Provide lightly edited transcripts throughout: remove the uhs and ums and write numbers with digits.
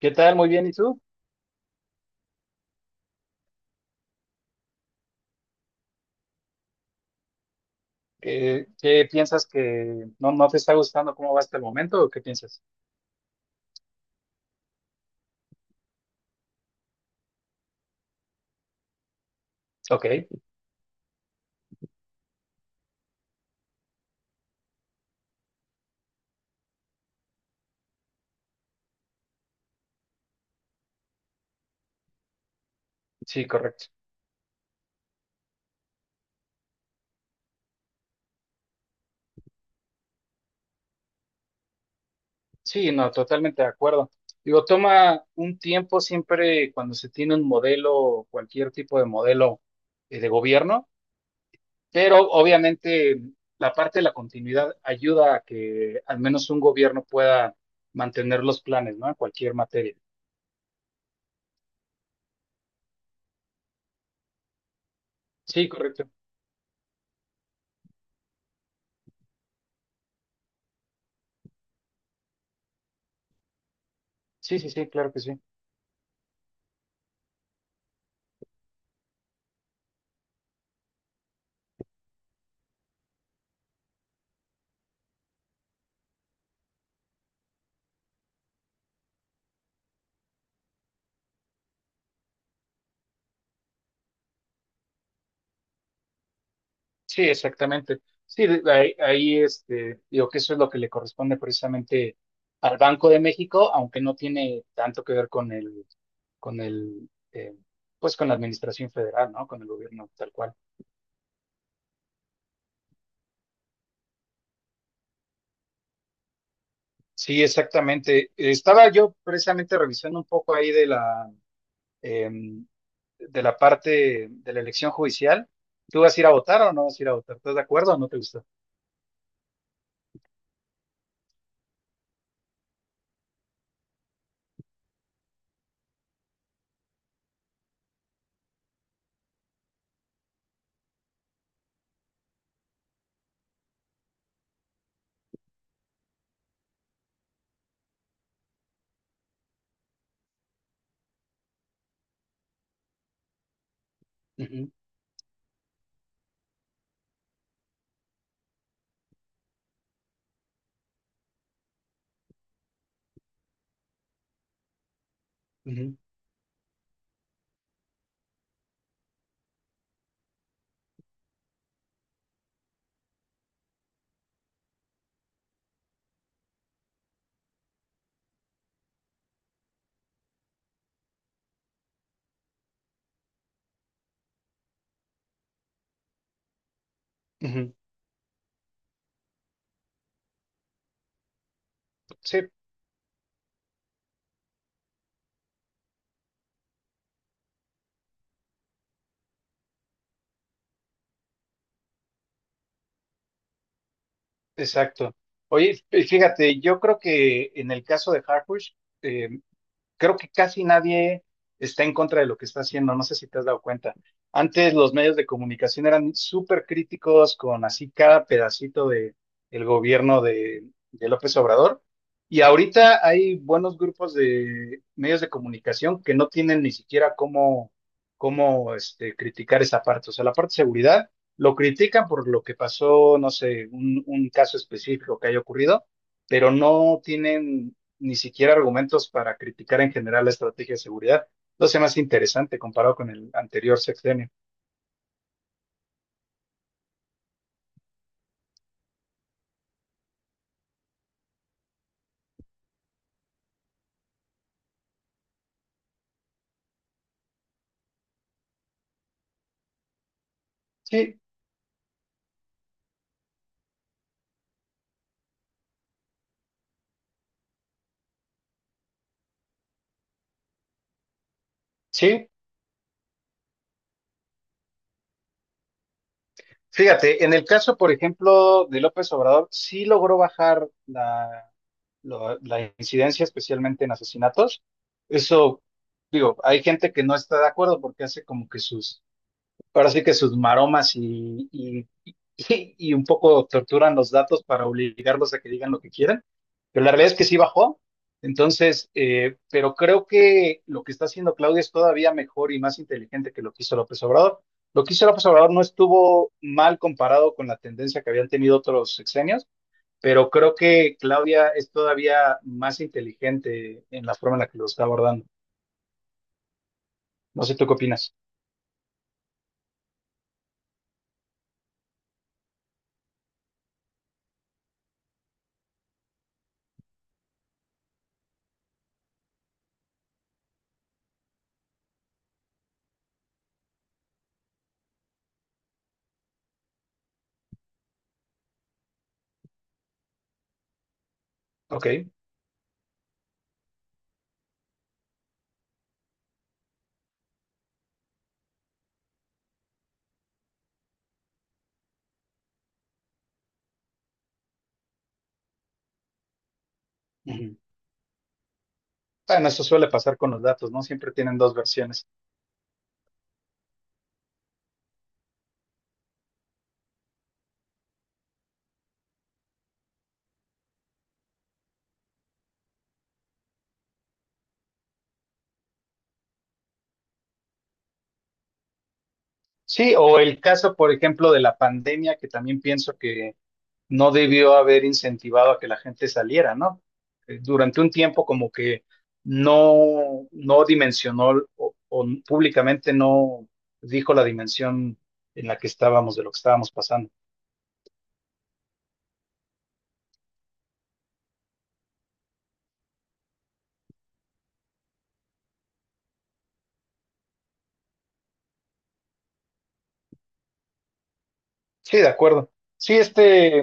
¿Qué tal? Muy bien. ¿Y tú? ¿Qué piensas que no te está gustando cómo va hasta el momento o qué piensas? Ok, sí, correcto. Sí, no, totalmente de acuerdo. Digo, toma un tiempo siempre cuando se tiene un modelo, cualquier tipo de modelo de gobierno, pero obviamente la parte de la continuidad ayuda a que al menos un gobierno pueda mantener los planes, ¿no? En cualquier materia. Sí, correcto. Sí, sí, sí, claro que sí. Sí, exactamente. Sí, ahí, este, digo que eso es lo que le corresponde precisamente al Banco de México, aunque no tiene tanto que ver con el, pues con la administración federal, ¿no? Con el gobierno tal cual. Sí, exactamente. Estaba yo precisamente revisando un poco ahí de la, em, de la parte de la elección judicial. ¿Tú vas a ir a votar o no vas a ir a votar? ¿Estás de acuerdo o no te gusta? Ujú, ujú, ujú. Sí. Exacto. Oye, fíjate, yo creo que en el caso de Harkush, creo que casi nadie está en contra de lo que está haciendo, no sé si te has dado cuenta. Antes los medios de comunicación eran súper críticos con así cada pedacito de el gobierno de López Obrador y ahorita hay buenos grupos de medios de comunicación que no tienen ni siquiera cómo, cómo este, criticar esa parte, o sea, la parte de seguridad lo critican por lo que pasó, no sé, un caso específico que haya ocurrido, pero no tienen ni siquiera argumentos para criticar en general la estrategia de seguridad. Lo hace más interesante comparado con el anterior sexenio. Sí, sí. Fíjate, en el caso, por ejemplo, de López Obrador, sí logró bajar la, la incidencia, especialmente en asesinatos. Eso, digo, hay gente que no está de acuerdo porque hace como que sus ahora sí que sus maromas y un poco torturan los datos para obligarlos a que digan lo que quieran, pero la realidad es que sí bajó. Entonces, pero creo que lo que está haciendo Claudia es todavía mejor y más inteligente que lo que hizo López Obrador. Lo que hizo López Obrador no estuvo mal comparado con la tendencia que habían tenido otros sexenios, pero creo que Claudia es todavía más inteligente en la forma en la que lo está abordando. No sé, ¿tú qué opinas? Ok. Ujú. Bueno, eso suele pasar con los datos, ¿no? Siempre tienen dos versiones. Sí, o el caso, por ejemplo, de la pandemia, que también pienso que no debió haber incentivado a que la gente saliera, ¿no? Durante un tiempo como que no, no dimensionó o públicamente no dijo la dimensión en la que estábamos, de lo que estábamos pasando. Sí, de acuerdo. Sí, este.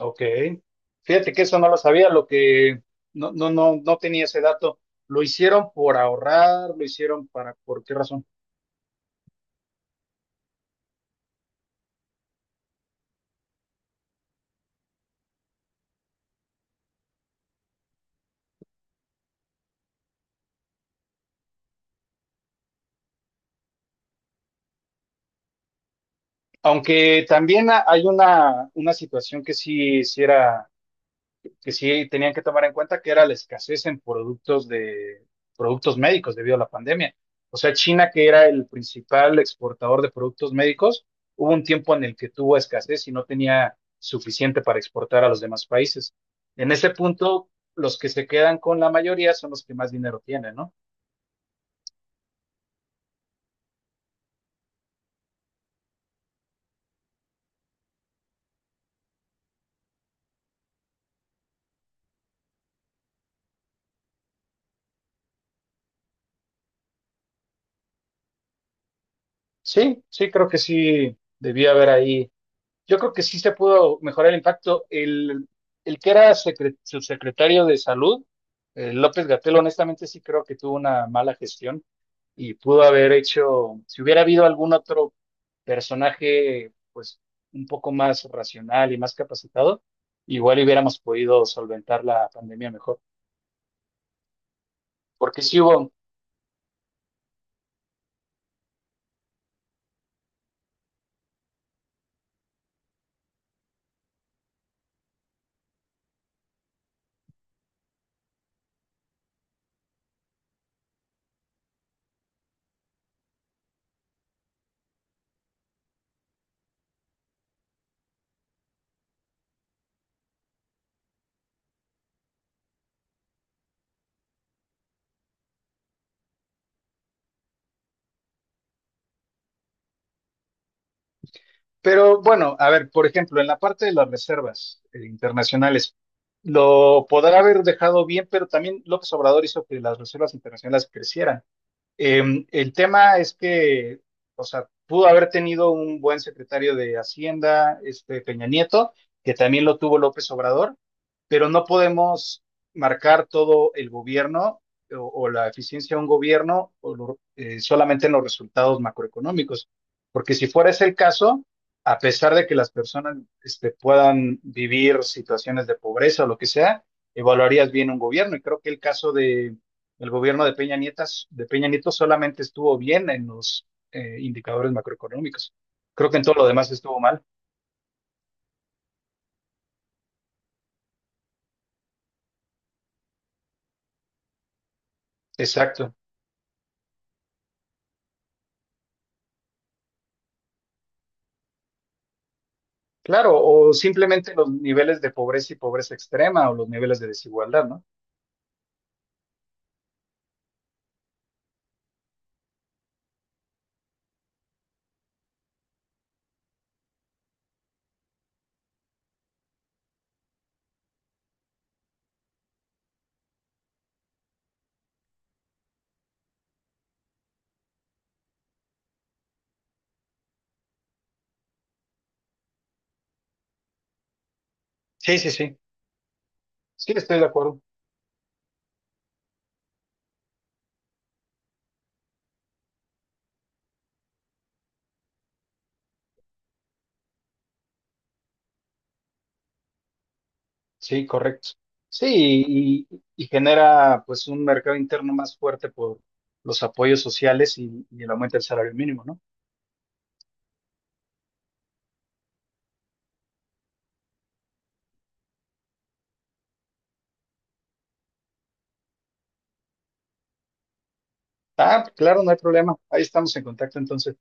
Ok. Fíjate que eso no lo sabía, lo que no, no, no, no tenía ese dato. Lo hicieron por ahorrar, lo hicieron para, ¿por qué razón? Aunque también hay una situación que sí, hiciera que sí tenían que tomar en cuenta que era la escasez en productos de productos médicos debido a la pandemia. O sea, China, que era el principal exportador de productos médicos, hubo un tiempo en el que tuvo escasez y no tenía suficiente para exportar a los demás países. En ese punto, los que se quedan con la mayoría son los que más dinero tienen, ¿no? Sí, sí, creo que sí debía haber ahí yo creo que sí se pudo mejorar el impacto. El que era subsecretario de salud, López Gatel, honestamente sí creo que tuvo una mala gestión y pudo haber hecho, si hubiera habido algún otro personaje, pues un poco más racional y más capacitado, igual hubiéramos podido solventar la pandemia mejor. Porque sí hubo. Pero bueno, a ver, por ejemplo, en la parte de las reservas internacionales, lo podrá haber dejado bien, pero también López Obrador hizo que las reservas internacionales crecieran. El tema es que, o sea, pudo haber tenido un buen secretario de Hacienda, este Peña Nieto, que también lo tuvo López Obrador, pero no podemos marcar todo el gobierno o la eficiencia de un gobierno o solamente en los resultados macroeconómicos, porque si fuera ese el caso, a pesar de que las personas este, puedan vivir situaciones de pobreza o lo que sea, evaluarías bien un gobierno. Y creo que el caso de el gobierno de Peña Nieto solamente estuvo bien en los indicadores macroeconómicos. Creo que en todo lo demás estuvo mal. Exacto. Claro, o simplemente los niveles de pobreza y pobreza extrema o los niveles de desigualdad, ¿no? Sí, sí, sí. Sí, estoy de acuerdo. Sí, correcto. Sí, y genera pues un mercado interno más fuerte por los apoyos sociales y el aumento del salario mínimo, ¿no? Ah, claro, no hay problema. Ahí estamos en contacto entonces.